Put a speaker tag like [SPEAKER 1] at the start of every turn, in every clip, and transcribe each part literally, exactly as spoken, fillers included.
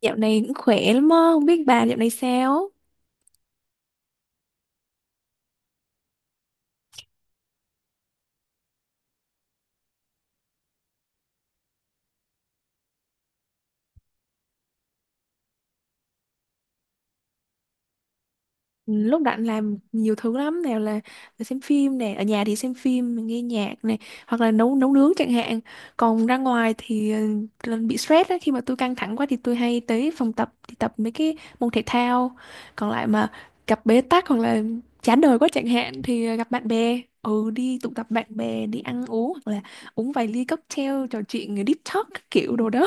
[SPEAKER 1] Dạo này cũng khỏe lắm á, không biết bà dạo này sao? Ừ, lúc rảnh làm nhiều thứ lắm, nào là xem phim nè, ở nhà thì xem phim, nghe nhạc này, hoặc là nấu nấu nướng chẳng hạn. Còn ra ngoài thì ờ, lần bị stress á, khi mà tôi căng thẳng quá thì tôi hay tới phòng tập thì tập mấy cái môn thể thao. Còn lại mà gặp bế tắc hoặc là chán đời quá chẳng hạn thì ờ, gặp bạn bè. Ừ, đi tụ tập bạn bè, đi ăn uống hoặc là uống vài ly cocktail, trò chuyện ờ, deep talk các kiểu đồ đó.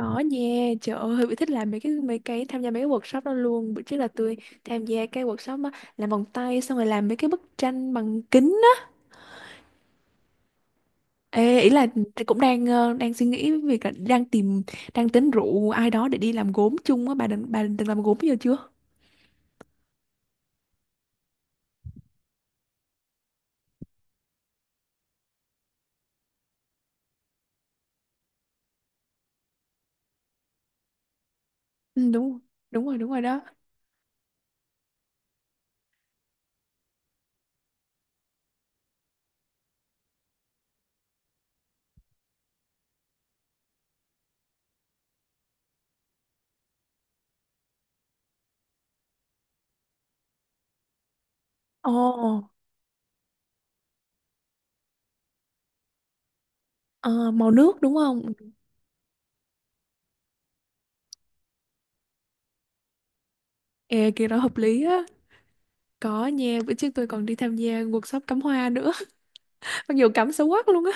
[SPEAKER 1] Có nha, trời ơi, Huy bị thích làm mấy cái mấy cái tham gia mấy cái workshop đó luôn. Bữa trước là tôi tham gia cái workshop á, làm vòng tay xong rồi làm mấy cái bức tranh bằng kính á. Ê, ý là tôi cũng đang ờ, đang suy nghĩ việc là đang tìm đang tính rủ ai đó để đi làm gốm chung á. Bà định bà định từng làm gốm giờ chưa? Ừ, đúng rồi, đúng rồi, đúng rồi đó. Ồ, ờ, màu nước đúng không? Ê, kia đó hợp lý á. Có nha, bữa trước tôi còn đi tham gia workshop cắm hoa nữa. Mặc dù cắm xấu quắc luôn á.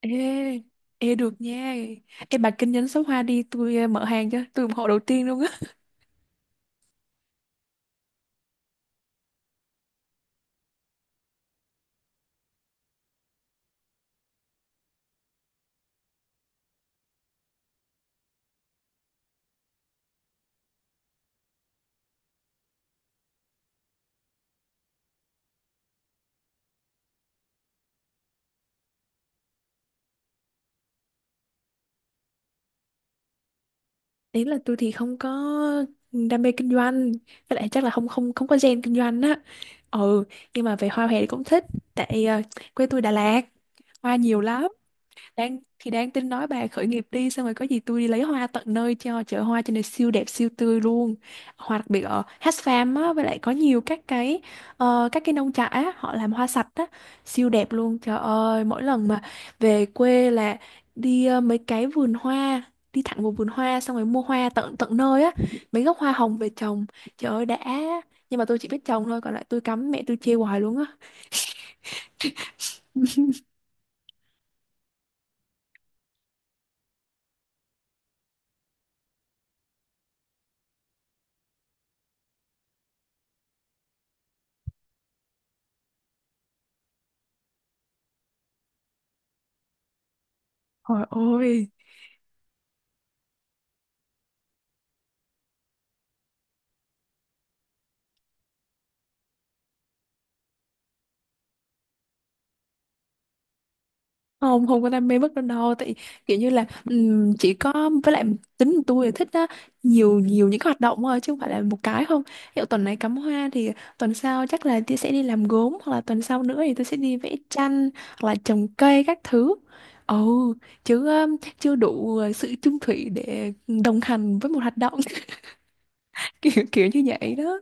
[SPEAKER 1] Ê, ê được nha. Ê bà kinh doanh số hoa đi, tôi ờ, mở hàng cho, tôi ủng hộ đầu tiên luôn á. Ý là tôi thì không có đam mê kinh doanh, với lại chắc là không không không có gen kinh doanh á. Ừ, nhưng mà về hoa hè thì cũng thích, tại ờ, quê tôi Đà Lạt, hoa nhiều lắm. đang thì đang tính nói bà khởi nghiệp đi xong rồi có gì tôi đi lấy hoa tận nơi cho. Chợ hoa trên này siêu đẹp siêu tươi luôn, hoa đặc biệt ở Hatch Farm á, với lại có nhiều các cái ờ, các cái nông trại á họ làm hoa sạch á, siêu đẹp luôn. Trời ơi mỗi lần mà về quê là đi ờ, mấy cái vườn hoa, đi thẳng vào vườn hoa xong rồi mua hoa tận tận nơi á, mấy gốc hoa hồng về trồng. Trời ơi đã. Nhưng mà tôi chỉ biết trồng thôi còn lại tôi cắm mẹ tôi chê hoài luôn á. Trời ơi không không có đam mê bất đâu đâu, tại kiểu như là ừm, chỉ có với lại tính của tôi là thích á, nhiều nhiều những cái hoạt động thôi chứ không phải là một cái không hiệu. Tuần này cắm hoa thì tuần sau chắc là tôi sẽ đi làm gốm hoặc là tuần sau nữa thì tôi sẽ đi vẽ tranh hoặc là trồng cây các thứ. ồ Chứ ừm, chưa đủ ờ, sự chung thủy để đồng hành với một hoạt động. kiểu kiểu như vậy đó.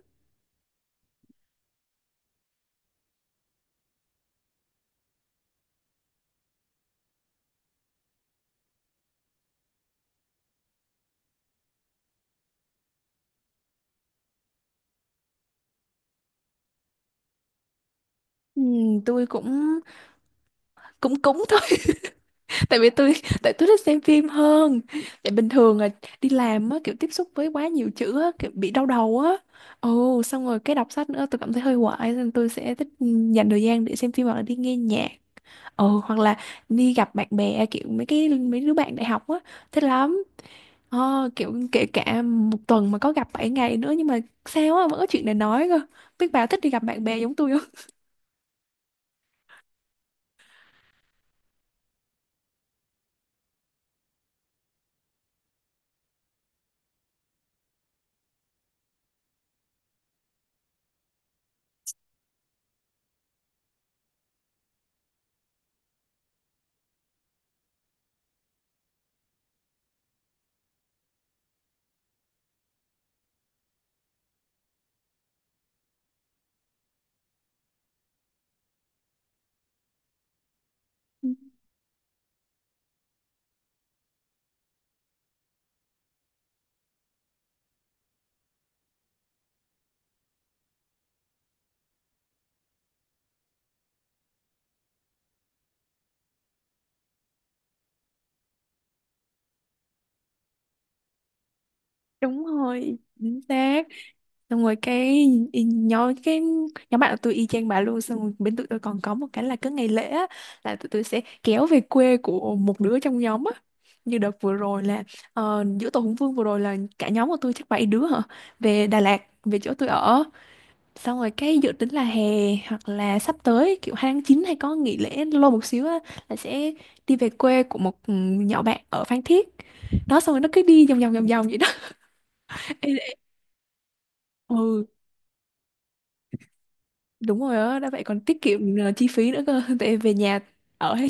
[SPEAKER 1] Ừm, tôi cũng cũng cũng thôi, tại vì tôi tại tôi thích xem phim hơn, tại bình thường là đi làm á kiểu tiếp xúc với quá nhiều chữ á kiểu bị đau đầu á. Ồ xong rồi cái đọc sách nữa tôi cảm thấy hơi hoài nên tôi sẽ thích dành thời gian để xem phim hoặc là đi nghe nhạc, ồ hoặc là đi gặp bạn bè kiểu mấy cái mấy đứa bạn đại học á, thích lắm. Ờ, kiểu kể cả một tuần mà có gặp bảy ngày nữa nhưng mà sao á vẫn có chuyện để nói cơ. Biết bà thích đi gặp bạn bè giống tôi không? Đúng rồi, chính xác. Xong rồi cái y- nhóm cái nhóm bạn của tôi y chang bà luôn, xong rồi bên tụi tôi còn có một cái là cứ ngày lễ á, là tụi tôi sẽ kéo về quê của một đứa trong nhóm á. Như đợt vừa rồi là ờ, giữa tổ Hùng Vương vừa rồi là cả nhóm của tôi chắc bảy đứa hả, về Đà Lạt về chỗ tôi ở. Xong rồi cái dự tính là hè hoặc là sắp tới kiểu hai tháng chín hay có nghỉ lễ lâu một xíu á, là sẽ đi về quê của một ừ, nhỏ bạn ở Phan Thiết đó, xong rồi nó cứ đi vòng vòng vòng vòng vậy đó. Ừ đúng rồi đó, đã vậy còn tiết kiệm ờ, chi phí nữa cơ. Tại về nhà ở hết.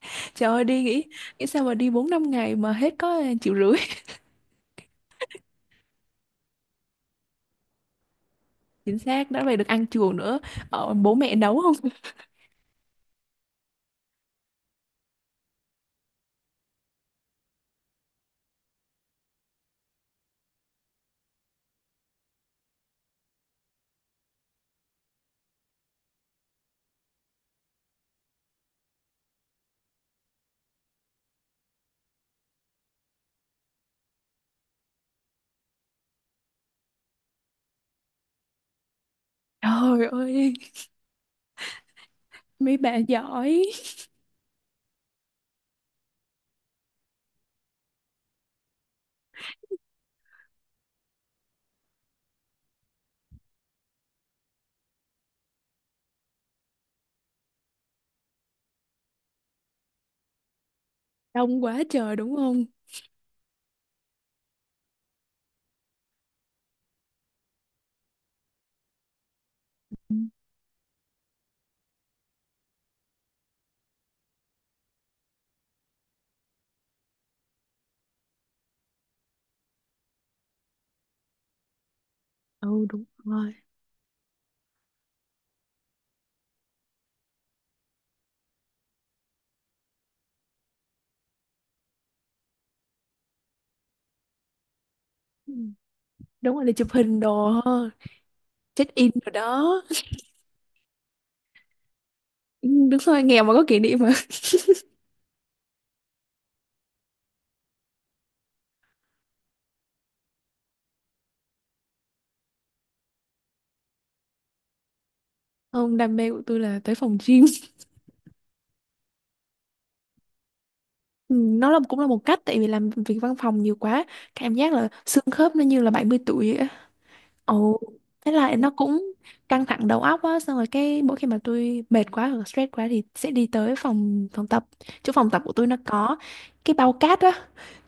[SPEAKER 1] Trời ơi đi nghĩ nghĩ sao mà đi bốn năm ngày mà hết có ờ, triệu rưỡi. Chính xác, đã vậy được ăn chuồng nữa, ở bố mẹ nấu không. Trời ơi mấy bà giỏi. Đông quá trời đúng không. Ừ, ừ, đúng rồi. Ừ, đúng rồi để chụp hình đồ ha, check in rồi đó. Ừ, đúng rồi, nghèo mà có kỷ niệm mà. Không, đam mê của tôi là tới phòng gym. Ừ, nó là cũng là một cách, tại vì làm việc văn phòng nhiều quá, cảm giác là xương khớp nó như là bảy mươi tuổi vậy á. ồ Thế là nó cũng căng thẳng đầu óc á, xong rồi cái mỗi khi mà tôi mệt quá hoặc là stress quá thì sẽ đi tới phòng phòng tập, chỗ phòng tập của tôi nó có cái bao cát á.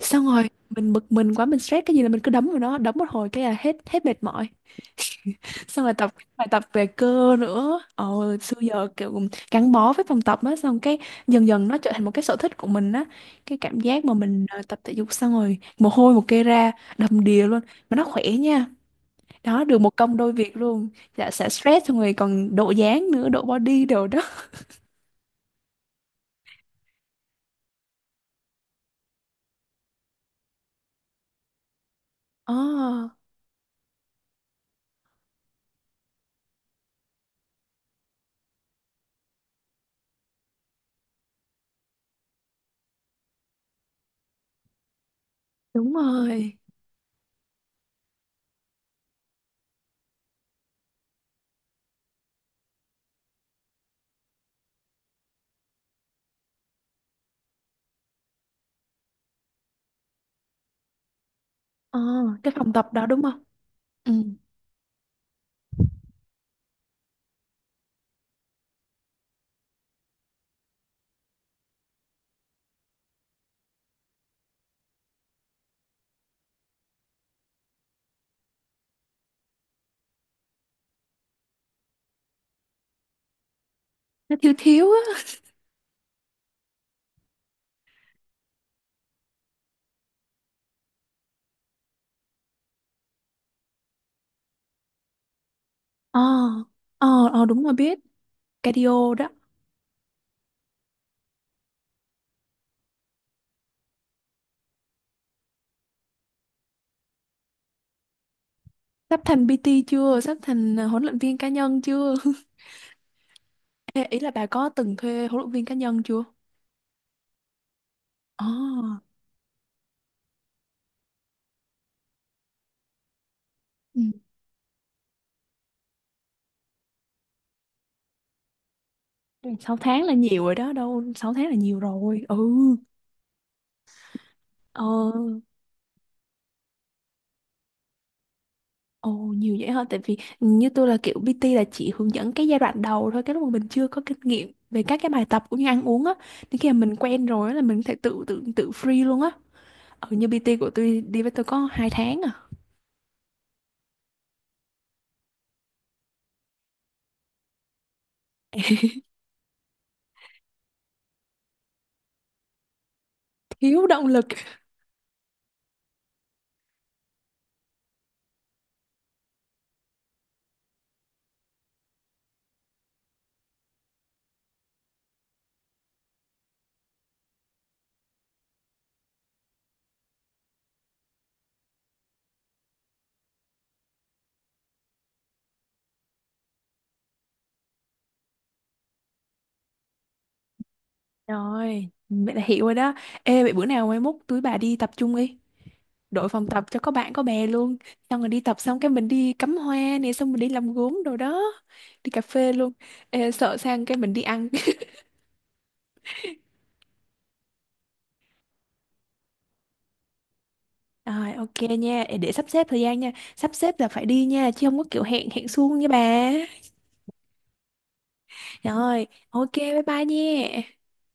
[SPEAKER 1] Xong rồi mình bực mình quá, mình stress cái gì là mình cứ đấm vào nó, đấm một hồi cái là hết hết mệt mỏi. Xong rồi tập bài tập về cơ nữa. Ồ, xưa giờ kiểu gắn bó với phòng tập á, xong cái dần dần nó trở thành một cái sở thích của mình á. Cái cảm giác mà mình ờ, tập thể dục xong rồi mồ hôi một kê ra đầm đìa luôn mà nó khỏe nha. Đó, được một công đôi việc luôn. Dạ sẽ stress xong rồi còn độ dáng nữa, độ body đồ đó. Ờ, đúng rồi. Ờ, cái phòng tập đó đúng không? Ừ. Nó thiếu thiếu á. Ờ, ờ, ờ đúng rồi biết. Cardio đó. Sắp thành pê tê chưa, sắp thành ờ, huấn luyện viên cá nhân chưa? Ê, ý là bà có từng thuê huấn luyện viên cá nhân chưa? Ờ, ừ. sáu tháng là nhiều rồi đó, đâu sáu tháng là nhiều rồi. Ừ. Ờ. Ồ nhiều vậy hả, tại vì như tôi là kiểu pê tê là chỉ hướng dẫn cái giai đoạn đầu thôi, cái lúc mà mình chưa có kinh nghiệm về các cái bài tập cũng như ăn uống á, thì khi mà mình quen rồi á là mình có thể tự tự tự free luôn á, ở như pi ti của tôi đi với tôi có hai tháng à. Thiếu động lực. Rồi, vậy là hiểu rồi đó. Ê, vậy bữa nào mai mốt tụi bà đi tập chung đi. Đội phòng tập cho có bạn có bè luôn. Xong rồi đi tập xong cái mình đi cắm hoa nè, xong mình đi làm gốm đồ đó. Đi cà phê luôn. Ê, sợ sang cái mình đi ăn. Rồi, ok nha. Ê, để sắp xếp thời gian nha. Sắp xếp là phải đi nha, chứ không có kiểu hẹn hẹn suông nha bà. Rồi, ok, bye bye nha.